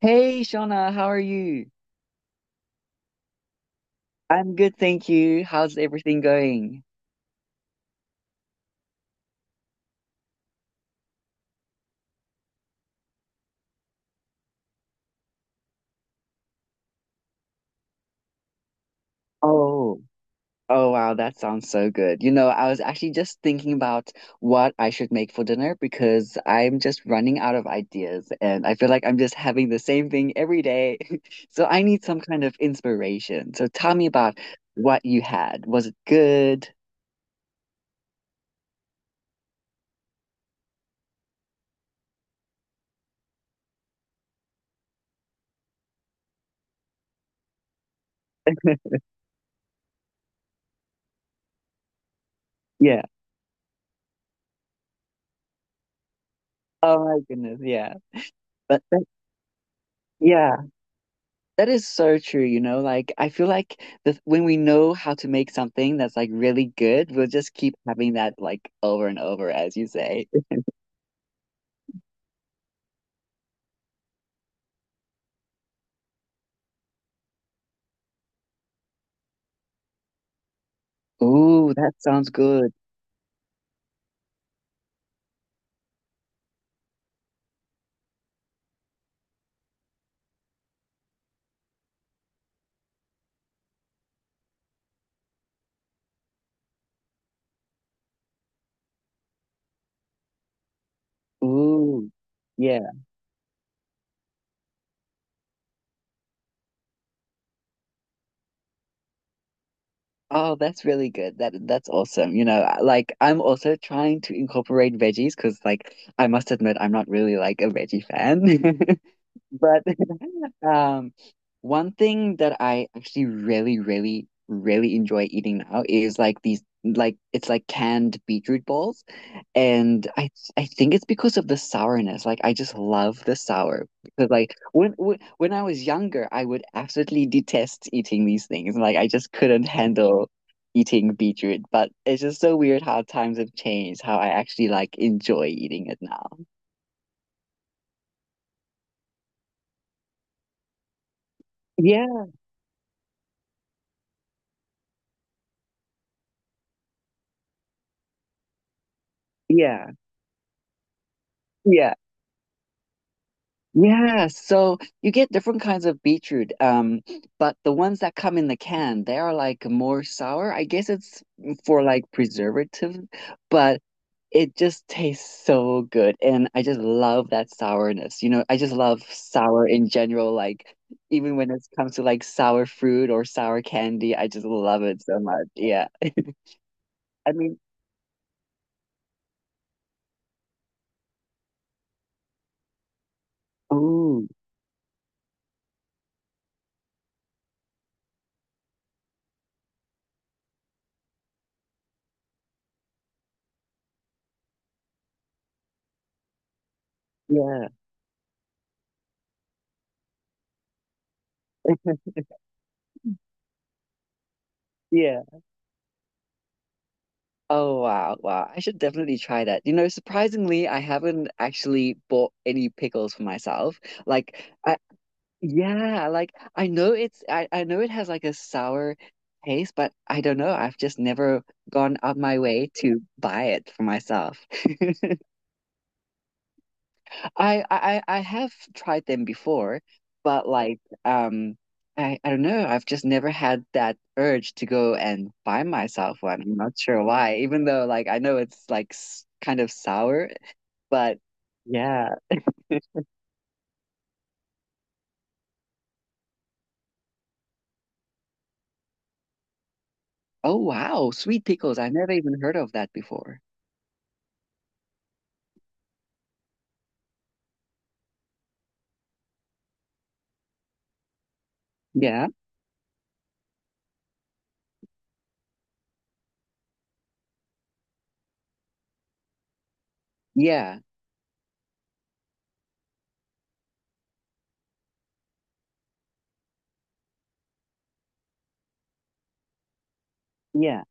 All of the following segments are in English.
Hey, Shauna, how are you? I'm good, thank you. How's everything going? Oh, oh wow, that sounds so good. You know, I was actually just thinking about what I should make for dinner because I'm just running out of ideas and I feel like I'm just having the same thing every day. So I need some kind of inspiration. So tell me about what you had. Was it good? Yeah. Oh my goodness, yeah. But that, yeah. That is so true, you know, like I feel like the when we know how to make something that's like really good, we'll just keep having that like over and over, as you say. Ooh, that sounds good. Ooh, yeah. Oh, that's really good. That's awesome. You know, like I'm also trying to incorporate veggies because like I must admit I'm not really like a veggie fan. But Um, one thing that I actually really, really, really enjoy eating now is like these like it's like canned beetroot balls. And I think it's because of the sourness. Like I just love the sour. Because like when I was younger, I would absolutely detest eating these things. Like I just couldn't handle eating beetroot. But it's just so weird how times have changed, how I actually like enjoy eating it now. Yeah, yeah, yeah. Yeah, so you get different kinds of beetroot, but the ones that come in the can, they are like more sour. I guess it's for like preservative, but it just tastes so good. And I just love that sourness. You know, I just love sour in general, like even when it comes to like sour fruit or sour candy, I just love it so much. Yeah. I mean, oh, yeah, yeah. Oh wow, wow. I should definitely try that. You know, surprisingly, I haven't actually bought any pickles for myself. Like I yeah, like I know it's I know it has like a sour taste, but I don't know. I've just never gone out my way to buy it for myself. I have tried them before, but like um I don't know, I've just never had that urge to go and buy myself one. I'm not sure why, even though like I know it's like s kind of sour, but yeah. Oh wow, sweet pickles. I never even heard of that before. Yeah. Yeah. Yeah.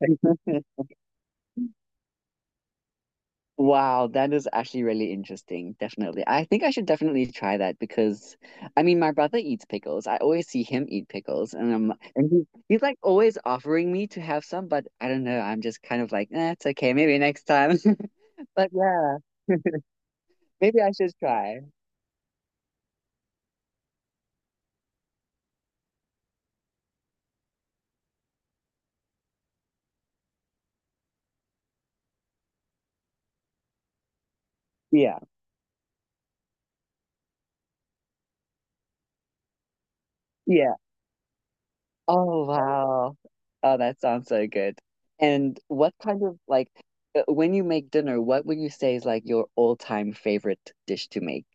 Wow, that is actually really interesting. Definitely. I think I should definitely try that because I mean my brother eats pickles. I always see him eat pickles and I'm and he's like always offering me to have some, but I don't know. I'm just kind of like, eh, it's okay, maybe next time. But yeah, maybe I should try. Yeah. Yeah. Oh wow. Oh, that sounds so good. And what kind of like when you make dinner, what would you say is like your all-time favorite dish to make?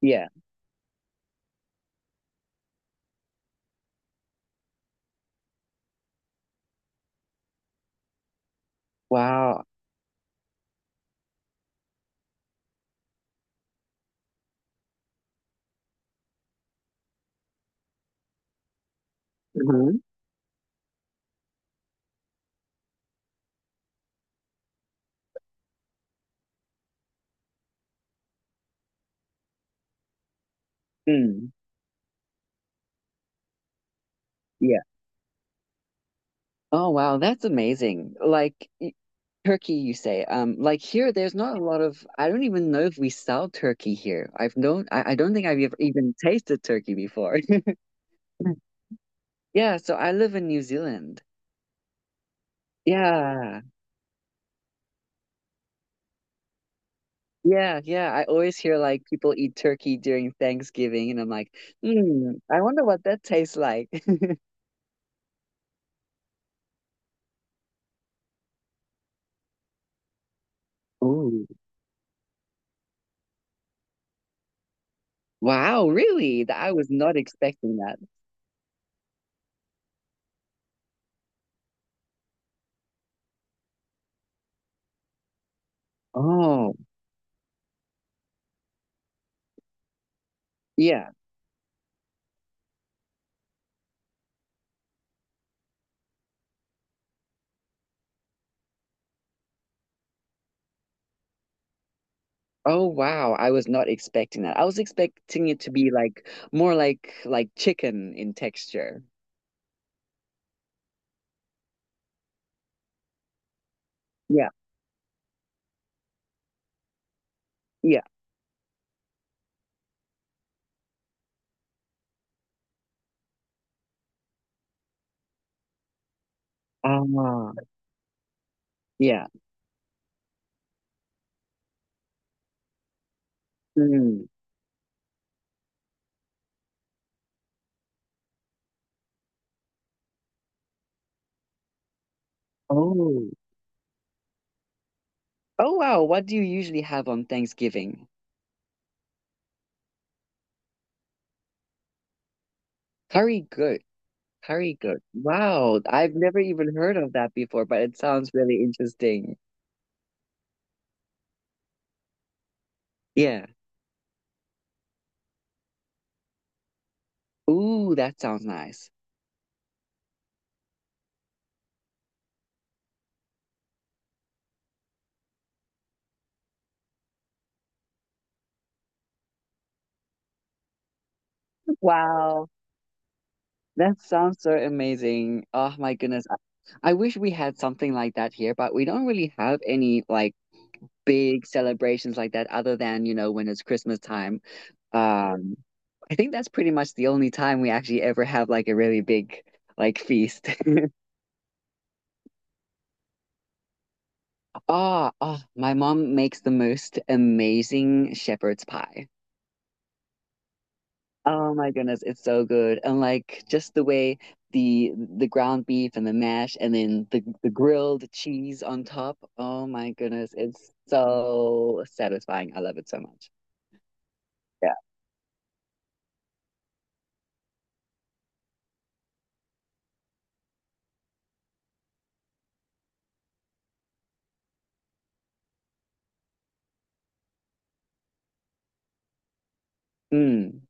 Yeah. Wow. Mm, yeah. Oh wow, that's amazing. Turkey, you say. Like here, there's not a lot of. I don't even know if we sell turkey here. I've known. I don't think I've ever even tasted turkey before. Yeah, so I live in New Zealand. Yeah, yeah, yeah. I always hear like people eat turkey during Thanksgiving, and I'm like, hmm, I wonder what that tastes like. Oh, wow, really? I was not expecting that. Oh, yeah. Oh wow, I was not expecting that. I was expecting it to be like more like chicken in texture. Yeah, yeah. Ah, yeah. Mm. Oh. Oh wow, what do you usually have on Thanksgiving? Curry goat. Curry goat. Wow, I've never even heard of that before, but it sounds really interesting. Yeah. Ooh, that sounds nice. Wow, that sounds so amazing. Oh my goodness. I wish we had something like that here, but we don't really have any like big celebrations like that other than, you know, when it's Christmas time. Um, I think that's pretty much the only time we actually ever have like a really big like feast. Ah, oh, my mom makes the most amazing shepherd's pie. Oh my goodness, it's so good. And like just the way the ground beef and the mash and then the grilled cheese on top. Oh my goodness, it's so satisfying. I love it so much. Yeah. Mm.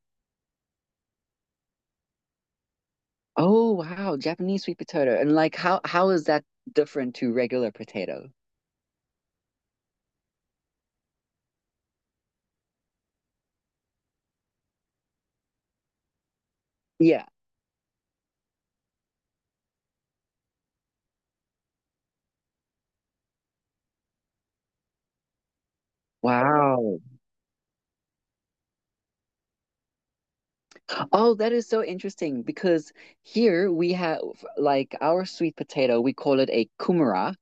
Oh wow, Japanese sweet potato. And like how is that different to regular potato? Yeah. Wow. Oh, that is so interesting because here we have like our sweet potato, we call it a kumara,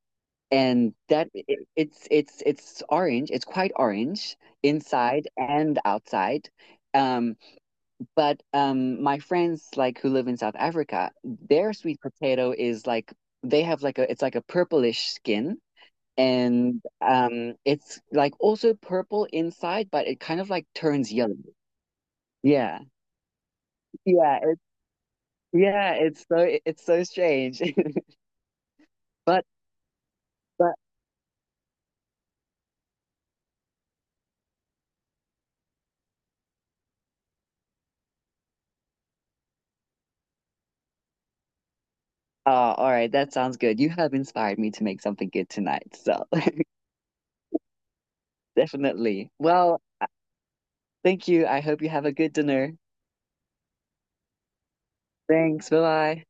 and that it, it's orange, it's quite orange inside and outside. Um, but my friends like who live in South Africa, their sweet potato is like they have like a it's like a purplish skin and it's like also purple inside but it kind of like turns yellow, yeah, yeah it's yeah it's so it's so strange. but but uh, all right, that sounds good. You have inspired me to make something good tonight, so definitely. Well, thank you. I hope you have a good dinner. Thanks. Bye bye.